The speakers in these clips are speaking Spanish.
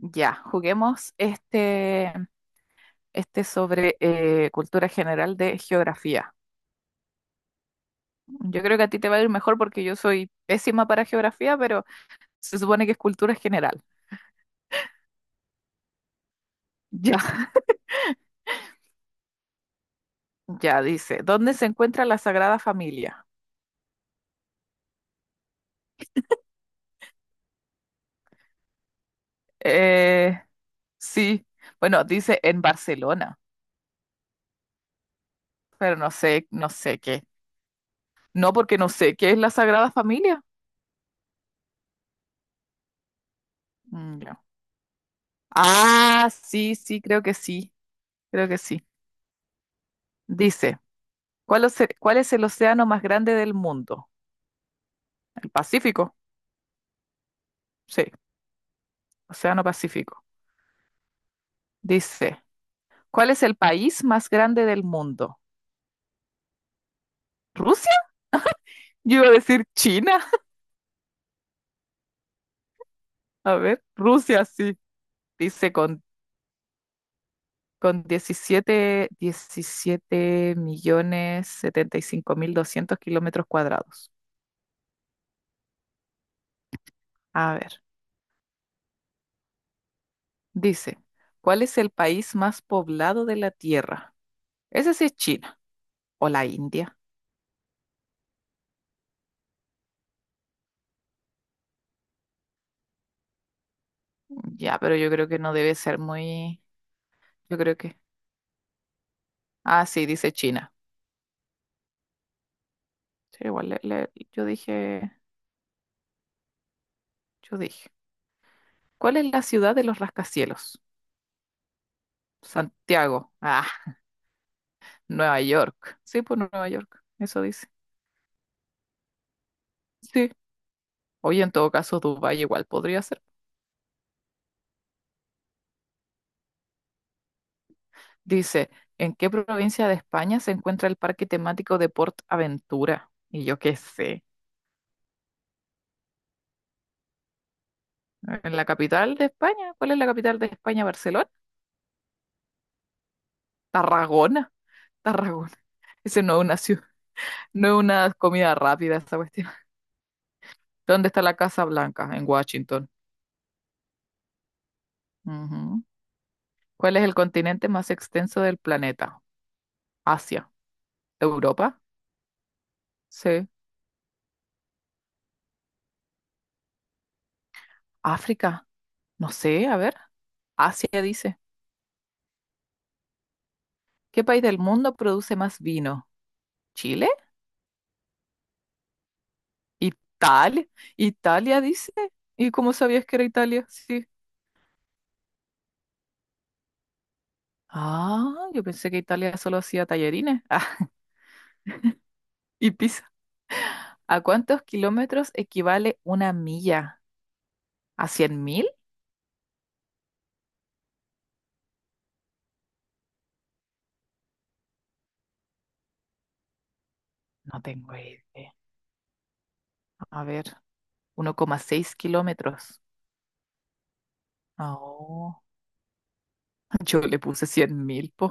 Ya, juguemos este sobre cultura general de geografía. Yo creo que a ti te va a ir mejor porque yo soy pésima para geografía, pero se supone que es cultura general. Ya, ya dice, ¿dónde se encuentra la Sagrada Familia? Eh, sí, bueno, dice en Barcelona, pero no sé, no sé qué. No, porque no sé qué es la Sagrada Familia. Mm, ya. Ah, sí, sí, creo que sí, creo que sí. Dice. ¿Cuál es el océano más grande del mundo? ¿El Pacífico? Sí, Océano Pacífico. Dice, ¿cuál es el país más grande del mundo? ¿Rusia? Yo iba a decir China. A ver, Rusia sí. Dice con diecisiete millones 75 mil 200 kilómetros cuadrados. A ver, dice, ¿cuál es el país más poblado de la Tierra? Ese sí es China o la India. Ya, pero yo creo que no debe ser muy. Yo creo que Ah, sí, dice China. Sí, igual yo dije, yo dije. ¿Cuál es la ciudad de los rascacielos? Santiago. Ah, Nueva York. Sí, pues Nueva York. Eso dice. Sí. Oye, en todo caso, Dubái igual podría ser. Dice, ¿en qué provincia de España se encuentra el parque temático de Port Aventura? Y yo qué sé. ¿En la capital de España? ¿Cuál es la capital de España? ¿Barcelona? Tarragona. Tarragona. Ese no es una ciudad, no es una comida rápida esa cuestión. ¿Dónde está la Casa Blanca? En Washington. Ujú. ¿Cuál es el continente más extenso del planeta? Asia. ¿Europa? Sí. ¿África? No sé, a ver. Asia dice. ¿Qué país del mundo produce más vino? ¿Chile? ¿Italia? ¿Italia dice? ¿Y cómo sabías que era Italia? Sí. Ah, yo pensé que Italia solo hacía tallarines. Ah, y pizza. ¿A cuántos kilómetros equivale una milla? ¿A cien mil? No tengo idea. A ver. 1,6 kilómetros. Oh, yo le puse 100.000, po.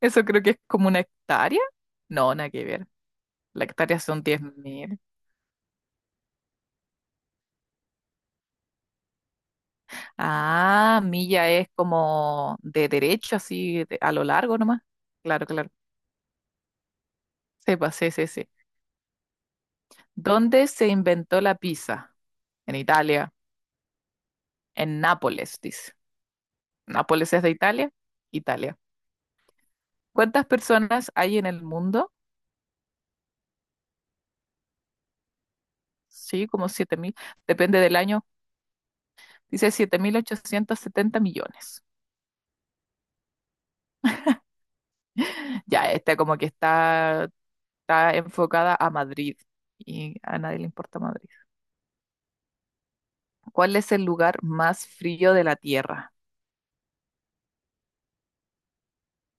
Eso creo que es como una hectárea. No, nada que ver. La hectárea son 10.000. Ah, milla es como de derecho, así a lo largo nomás. Claro, claro. Sepa, sí, sí, sí. ¿Dónde se inventó la pizza? En Italia. En Nápoles, dice. ¿Nápoles es de Italia? Italia. ¿Cuántas personas hay en el mundo? Sí, como 7000. Depende del año. Dice 7870 millones. Ya, esta como que está enfocada a Madrid y a nadie le importa Madrid. ¿Cuál es el lugar más frío de la Tierra?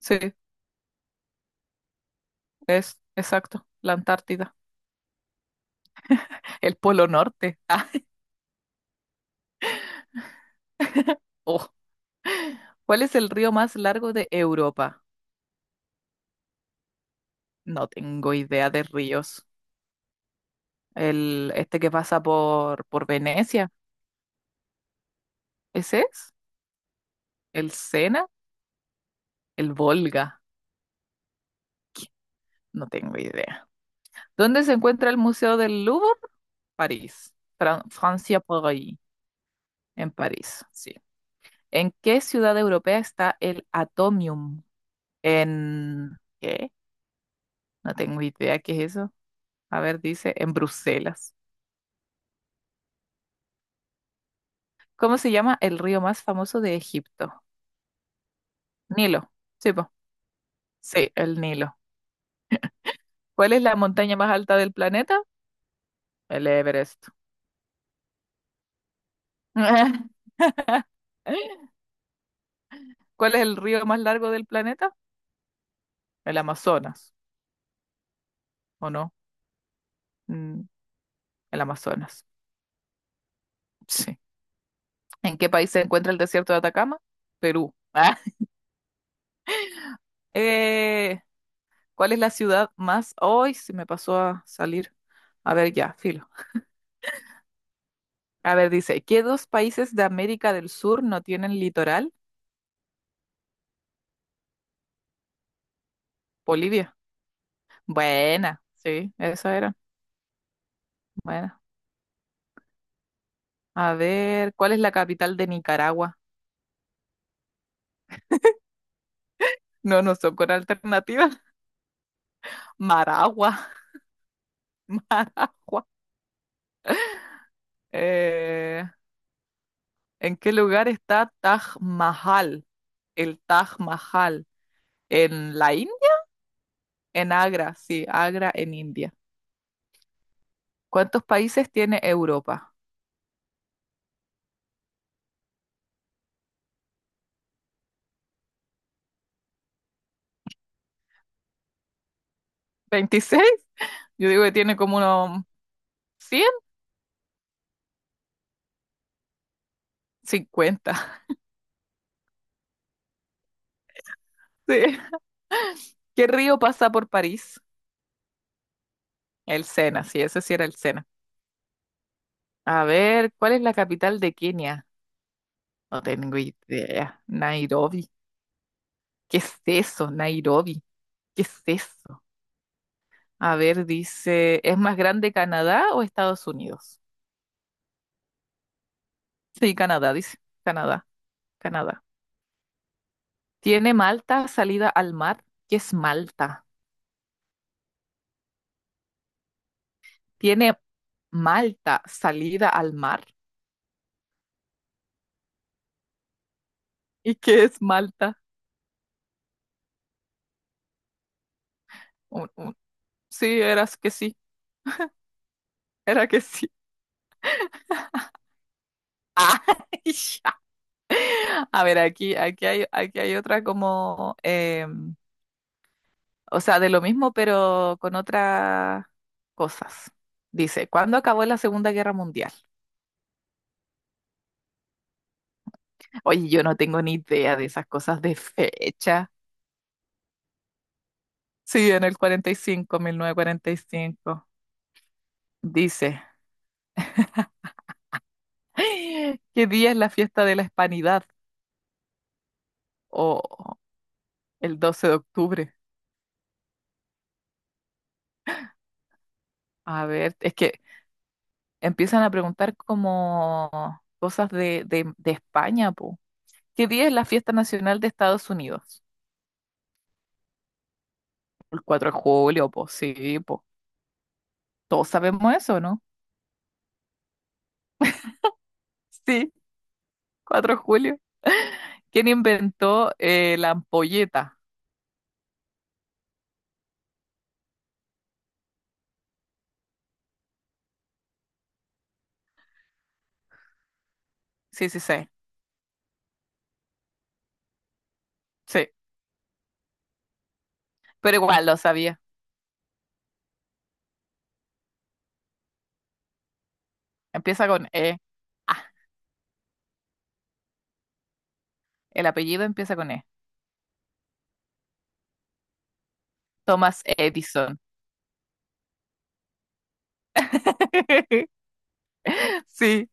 Sí, es exacto, la Antártida, el Polo Norte. Ah, oh. ¿Cuál es el río más largo de Europa? No tengo idea de ríos. Este que pasa por Venecia, ¿ese es? ¿El Sena? ¿El Volga? No tengo idea. ¿Dónde se encuentra el Museo del Louvre? París, Francia por ahí, en París, sí. ¿En qué ciudad europea está el Atomium? ¿Qué? No tengo idea qué es eso. A ver, dice, en Bruselas. ¿Cómo se llama el río más famoso de Egipto? Nilo. Sí, po. Sí, el Nilo. ¿Cuál es la montaña más alta del planeta? El Everest. ¿Cuál es el río más largo del planeta? El Amazonas, ¿o no? Mm, el Amazonas. Sí. ¿En qué país se encuentra el desierto de Atacama? Perú. Ah. Eh, ¿Cuál es la ciudad más... Hoy se me pasó a salir. A ver, ya, filo. A ver, dice, ¿qué dos países de América del Sur no tienen litoral? Bolivia. Buena, sí, esa era. Buena. A ver, ¿cuál es la capital de Nicaragua? No, no son con alternativas. Maragua, Maragua. Eh, ¿En qué lugar está Taj Mahal? El Taj Mahal. ¿En la India? En Agra, sí, Agra en India. ¿Cuántos países tiene Europa? ¿26? Yo digo que tiene como unos 100, 50. Sí. ¿Qué río pasa por París? El Sena, sí, ese sí era el Sena. A ver, ¿cuál es la capital de Kenia? No tengo idea. Nairobi. ¿Qué es eso? Nairobi. ¿Qué es eso? A ver, dice, ¿es más grande Canadá o Estados Unidos? Sí, Canadá, dice. Canadá, Canadá. ¿Tiene Malta salida al mar? ¿Qué es Malta? Tiene Malta, salida al mar. ¿Y qué es Malta? Un- un- Sí, eras que sí, era que sí. Ah, ya. A ver, aquí hay otra como, o sea, de lo mismo, pero con otras cosas. Dice, ¿cuándo acabó la Segunda Guerra Mundial? Oye, yo no tengo ni idea de esas cosas de fecha. Sí, en el cuarenta y cinco, 1945. Dice, ¿qué día es la fiesta de la Hispanidad? Oh. El 12 de octubre. A ver, es que empiezan a preguntar como cosas de España, po. ¿Qué día es la fiesta nacional de Estados Unidos? El 4 de julio, po, sí, po. Todos sabemos eso, ¿no? Sí, 4 de julio. ¿Quién inventó la ampolleta? Sí, sí, sí, sí. Pero igual lo sabía. Empieza con E. Ah, el apellido empieza con E. Thomas Edison. Sí.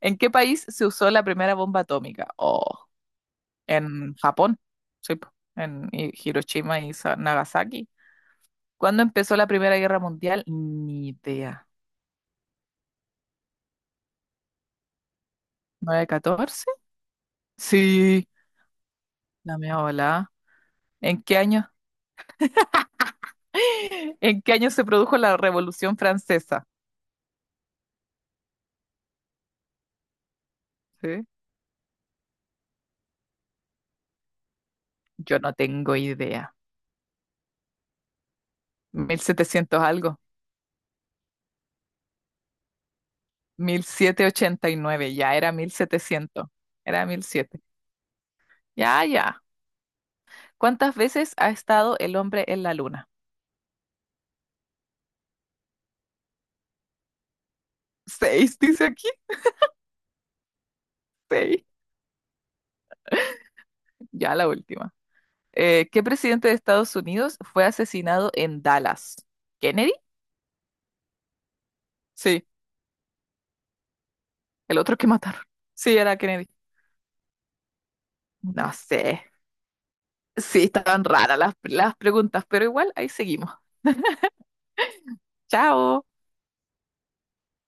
¿En qué país se usó la primera bomba atómica? Oh. En Japón, sí, po, en Hiroshima y Nagasaki. ¿Cuándo empezó la Primera Guerra Mundial? Ni idea. 9 catorce? Sí, la mía volada. ¿En qué año? ¿En qué año se produjo la Revolución Francesa? Sí. Yo no tengo idea. 1700 algo. 1789. Ya era 1700. Era mil siete. Ya, ya. ¿Cuántas veces ha estado el hombre en la luna? Seis, dice aquí. Seis. Ya la última. ¿Qué presidente de Estados Unidos fue asesinado en Dallas? ¿Kennedy? Sí, el otro que mataron. Sí, era Kennedy. No sé. Sí, estaban raras las preguntas, pero igual ahí seguimos. Chao.